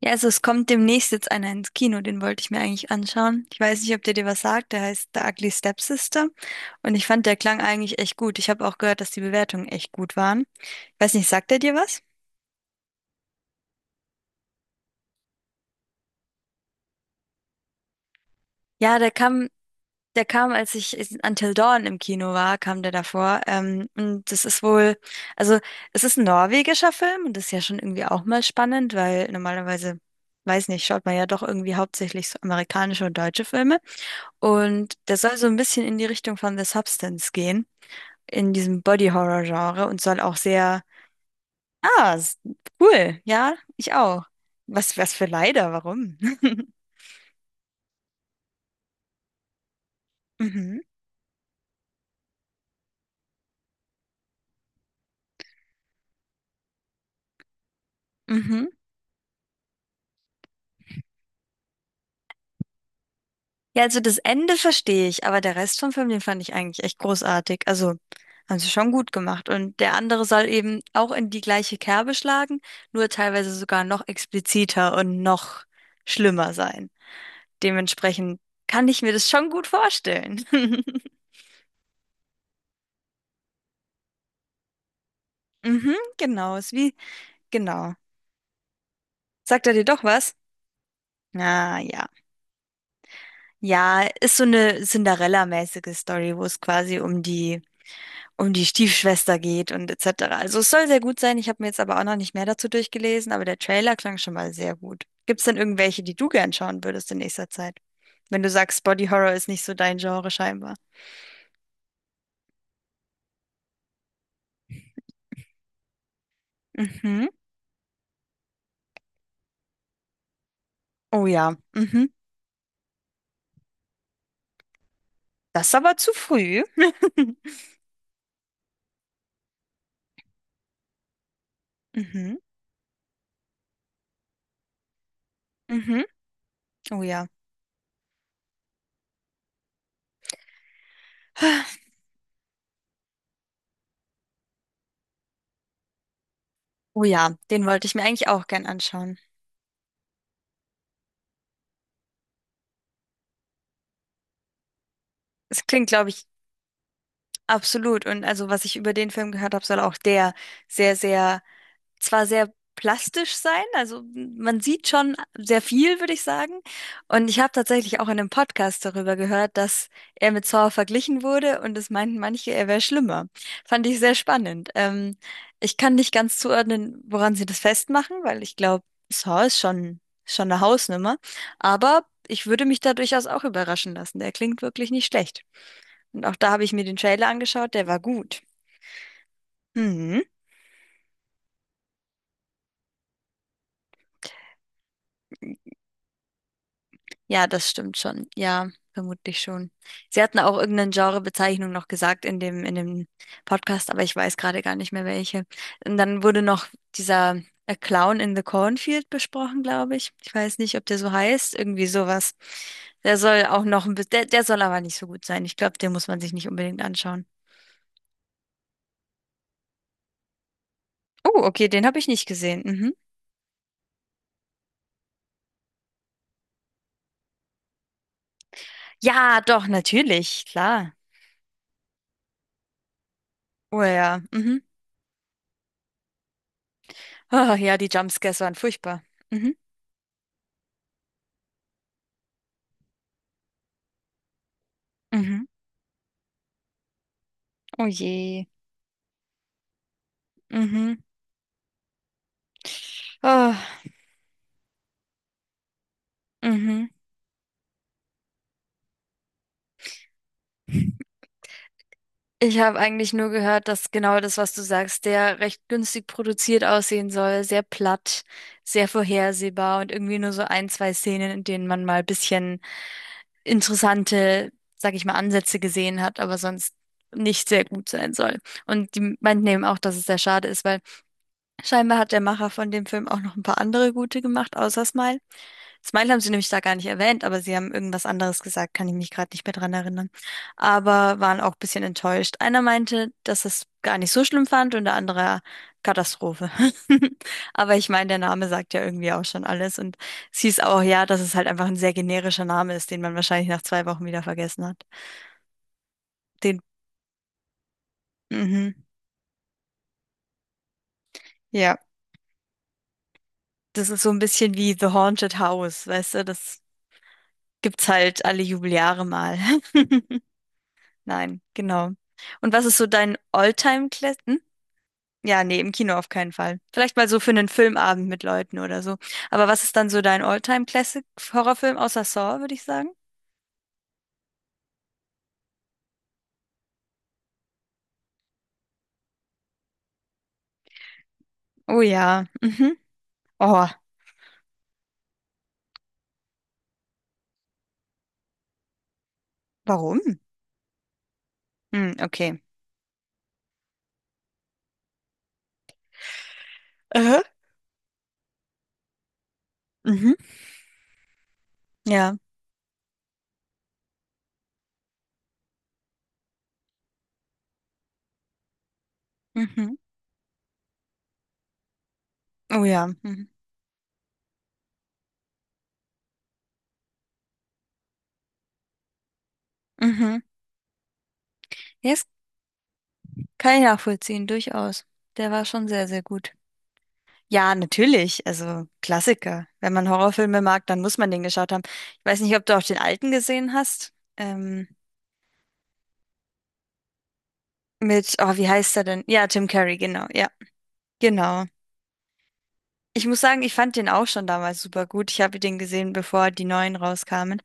Ja, also es kommt demnächst jetzt einer ins Kino, den wollte ich mir eigentlich anschauen. Ich weiß nicht, ob der dir was sagt, der heißt The Ugly Stepsister und ich fand, der klang eigentlich echt gut. Ich habe auch gehört, dass die Bewertungen echt gut waren. Ich weiß nicht, sagt der dir was? Ja, der kam, als ich in Until Dawn im Kino war, kam der davor. Und das ist wohl, also es ist ein norwegischer Film und das ist ja schon irgendwie auch mal spannend, weil normalerweise, weiß nicht, schaut man ja doch irgendwie hauptsächlich so amerikanische und deutsche Filme. Und der soll so ein bisschen in die Richtung von The Substance gehen, in diesem Body-Horror-Genre und soll auch sehr, ah, s- cool, ja, ich auch. Was, was für leider, warum? Mhm. Mhm. Ja, also das Ende verstehe ich, aber der Rest vom Film, den fand ich eigentlich echt großartig. Also haben sie schon gut gemacht. Und der andere soll eben auch in die gleiche Kerbe schlagen, nur teilweise sogar noch expliziter und noch schlimmer sein. Dementsprechend kann ich mir das schon gut vorstellen. Mhm, genau, ist wie, genau. Sagt er dir doch was? Ah, ja. Ja, ist so eine Cinderella-mäßige Story, wo es quasi um die Stiefschwester geht und etc. Also es soll sehr gut sein. Ich habe mir jetzt aber auch noch nicht mehr dazu durchgelesen, aber der Trailer klang schon mal sehr gut. Gibt es denn irgendwelche, die du gern schauen würdest in nächster Zeit? Wenn du sagst, Body Horror ist nicht so dein Genre scheinbar. Mhm. Oh ja. Mhm. Das ist aber zu früh. Mhm. Mhm. Oh ja. Oh ja, den wollte ich mir eigentlich auch gern anschauen. Es klingt, glaube ich, absolut. Und also, was ich über den Film gehört habe, soll auch der sehr, sehr zwar sehr plastisch sein, also man sieht schon sehr viel, würde ich sagen. Und ich habe tatsächlich auch in einem Podcast darüber gehört, dass er mit Saw verglichen wurde und es meinten manche, er wäre schlimmer. Fand ich sehr spannend. Ich kann nicht ganz zuordnen, woran sie das festmachen, weil ich glaube, Saw ist schon eine Hausnummer. Aber ich würde mich da durchaus auch überraschen lassen. Der klingt wirklich nicht schlecht. Und auch da habe ich mir den Trailer angeschaut, der war gut. Mhm. Ja, das stimmt schon. Ja, vermutlich schon. Sie hatten auch irgendeine Genrebezeichnung noch gesagt in dem Podcast, aber ich weiß gerade gar nicht mehr welche. Und dann wurde noch dieser A Clown in the Cornfield besprochen, glaube ich. Ich weiß nicht, ob der so heißt, irgendwie sowas. Der soll auch noch ein bisschen, der soll aber nicht so gut sein. Ich glaube, den muss man sich nicht unbedingt anschauen. Oh, okay, den habe ich nicht gesehen. Mhm. Ja, doch, natürlich, klar. Oh ja, mhm. Oh, ja, die Jumpscares waren furchtbar. Mhm. Mhm. Oh je. Mhm. Ah, mhm. Ich habe eigentlich nur gehört, dass genau das, was du sagst, der recht günstig produziert aussehen soll, sehr platt, sehr vorhersehbar und irgendwie nur so ein, zwei Szenen, in denen man mal ein bisschen interessante, sag ich mal, Ansätze gesehen hat, aber sonst nicht sehr gut sein soll. Und die meinten eben auch, dass es sehr schade ist, weil scheinbar hat der Macher von dem Film auch noch ein paar andere gute gemacht, außer Smile. Smile haben sie nämlich da gar nicht erwähnt, aber sie haben irgendwas anderes gesagt, kann ich mich gerade nicht mehr dran erinnern. Aber waren auch ein bisschen enttäuscht. Einer meinte, dass es gar nicht so schlimm fand und der andere Katastrophe. Aber ich meine, der Name sagt ja irgendwie auch schon alles und es hieß auch ja, dass es halt einfach ein sehr generischer Name ist, den man wahrscheinlich nach 2 Wochen wieder vergessen hat. Den, mhm, ja, das ist so ein bisschen wie The Haunted House, weißt du, das gibt's halt alle Jubeljahre mal. Nein, genau. Und was ist so dein All-Time-Classic? Hm? Ja, nee, im Kino auf keinen Fall. Vielleicht mal so für einen Filmabend mit Leuten oder so. Aber was ist dann so dein All-Time-Classic-Horrorfilm außer Saw, würde ich sagen? Oh ja. Mhm. Oh, warum? Hm, okay. Äh? Mhm. Ja. Mhm. Oh ja. Mhm. Mhm. Yes, kann ich nachvollziehen, durchaus. Der war schon sehr, sehr gut. Ja, natürlich. Also Klassiker. Wenn man Horrorfilme mag, dann muss man den geschaut haben. Ich weiß nicht, ob du auch den alten gesehen hast. Oh, wie heißt er denn? Ja, Tim Curry, genau. Ja, genau. Ich muss sagen, ich fand den auch schon damals super gut. Ich habe den gesehen, bevor die neuen rauskamen.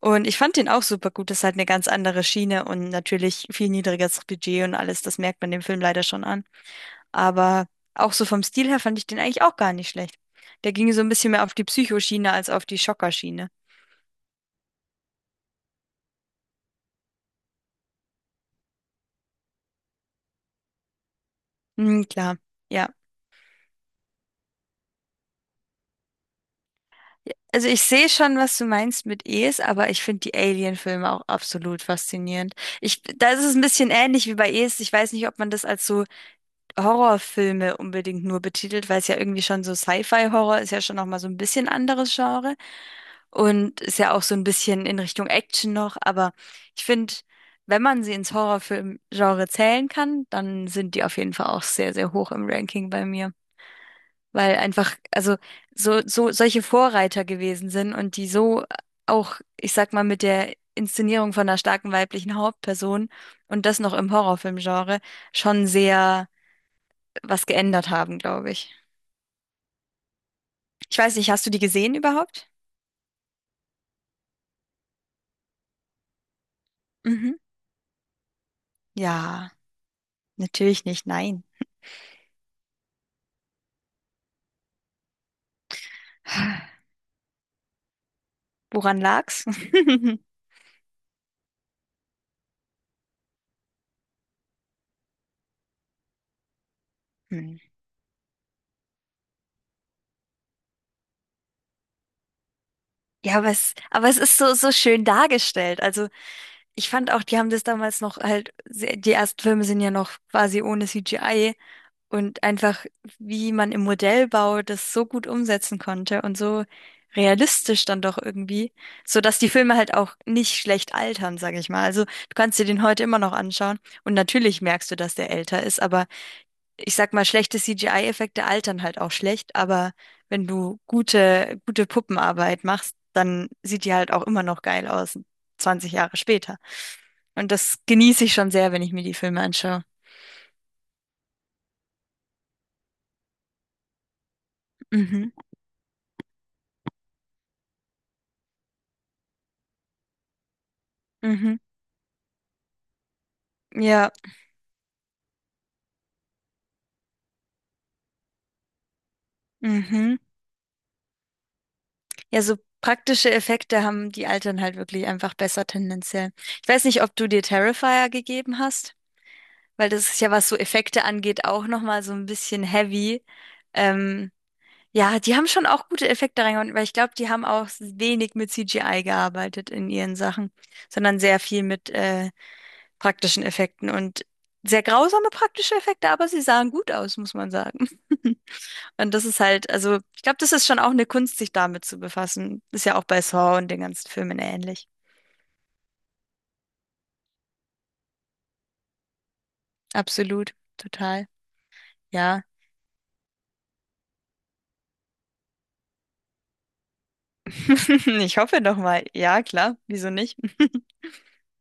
Und ich fand den auch super gut. Das ist halt eine ganz andere Schiene und natürlich viel niedrigeres Budget und alles. Das merkt man dem Film leider schon an. Aber auch so vom Stil her fand ich den eigentlich auch gar nicht schlecht. Der ging so ein bisschen mehr auf die Psychoschiene als auf die Schockerschiene. Hm, klar, ja. Also ich sehe schon, was du meinst mit Es, aber ich finde die Alien-Filme auch absolut faszinierend. Da ist es ein bisschen ähnlich wie bei Es. Ich weiß nicht, ob man das als so Horrorfilme unbedingt nur betitelt, weil es ja irgendwie schon so Sci-Fi-Horror ist ja schon noch mal so ein bisschen anderes Genre und ist ja auch so ein bisschen in Richtung Action noch. Aber ich finde, wenn man sie ins Horrorfilm-Genre zählen kann, dann sind die auf jeden Fall auch sehr, sehr hoch im Ranking bei mir. Weil einfach, also so, so solche Vorreiter gewesen sind und die so auch, ich sag mal, mit der Inszenierung von einer starken weiblichen Hauptperson und das noch im Horrorfilmgenre schon sehr was geändert haben, glaube ich. Ich weiß nicht, hast du die gesehen überhaupt? Mhm. Ja, natürlich nicht, nein. Woran lag's? Hm. Ja, aber es ist so, so schön dargestellt. Also ich fand auch, die haben das damals noch halt, die ersten Filme sind ja noch quasi ohne CGI. Und einfach, wie man im Modellbau das so gut umsetzen konnte und so realistisch dann doch irgendwie, so dass die Filme halt auch nicht schlecht altern, sage ich mal. Also du kannst dir den heute immer noch anschauen und natürlich merkst du, dass der älter ist, aber ich sag mal, schlechte CGI-Effekte altern halt auch schlecht, aber wenn du gute, gute Puppenarbeit machst, dann sieht die halt auch immer noch geil aus, 20 Jahre später. Und das genieße ich schon sehr, wenn ich mir die Filme anschaue. Mhm, mhm, ja, mhm. Ja, so praktische Effekte haben die Altern halt wirklich einfach besser tendenziell. Ich weiß nicht, ob du dir Terrifier gegeben hast, weil das ist ja, was so Effekte angeht, auch nochmal so ein bisschen heavy. Ähm, ja, die haben schon auch gute Effekte reingehauen, weil ich glaube, die haben auch wenig mit CGI gearbeitet in ihren Sachen, sondern sehr viel mit praktischen Effekten und sehr grausame praktische Effekte, aber sie sahen gut aus, muss man sagen. Und das ist halt, also ich glaube, das ist schon auch eine Kunst, sich damit zu befassen. Ist ja auch bei Saw und den ganzen Filmen ähnlich. Absolut, total. Ja, ich hoffe doch mal. Ja, klar, wieso nicht?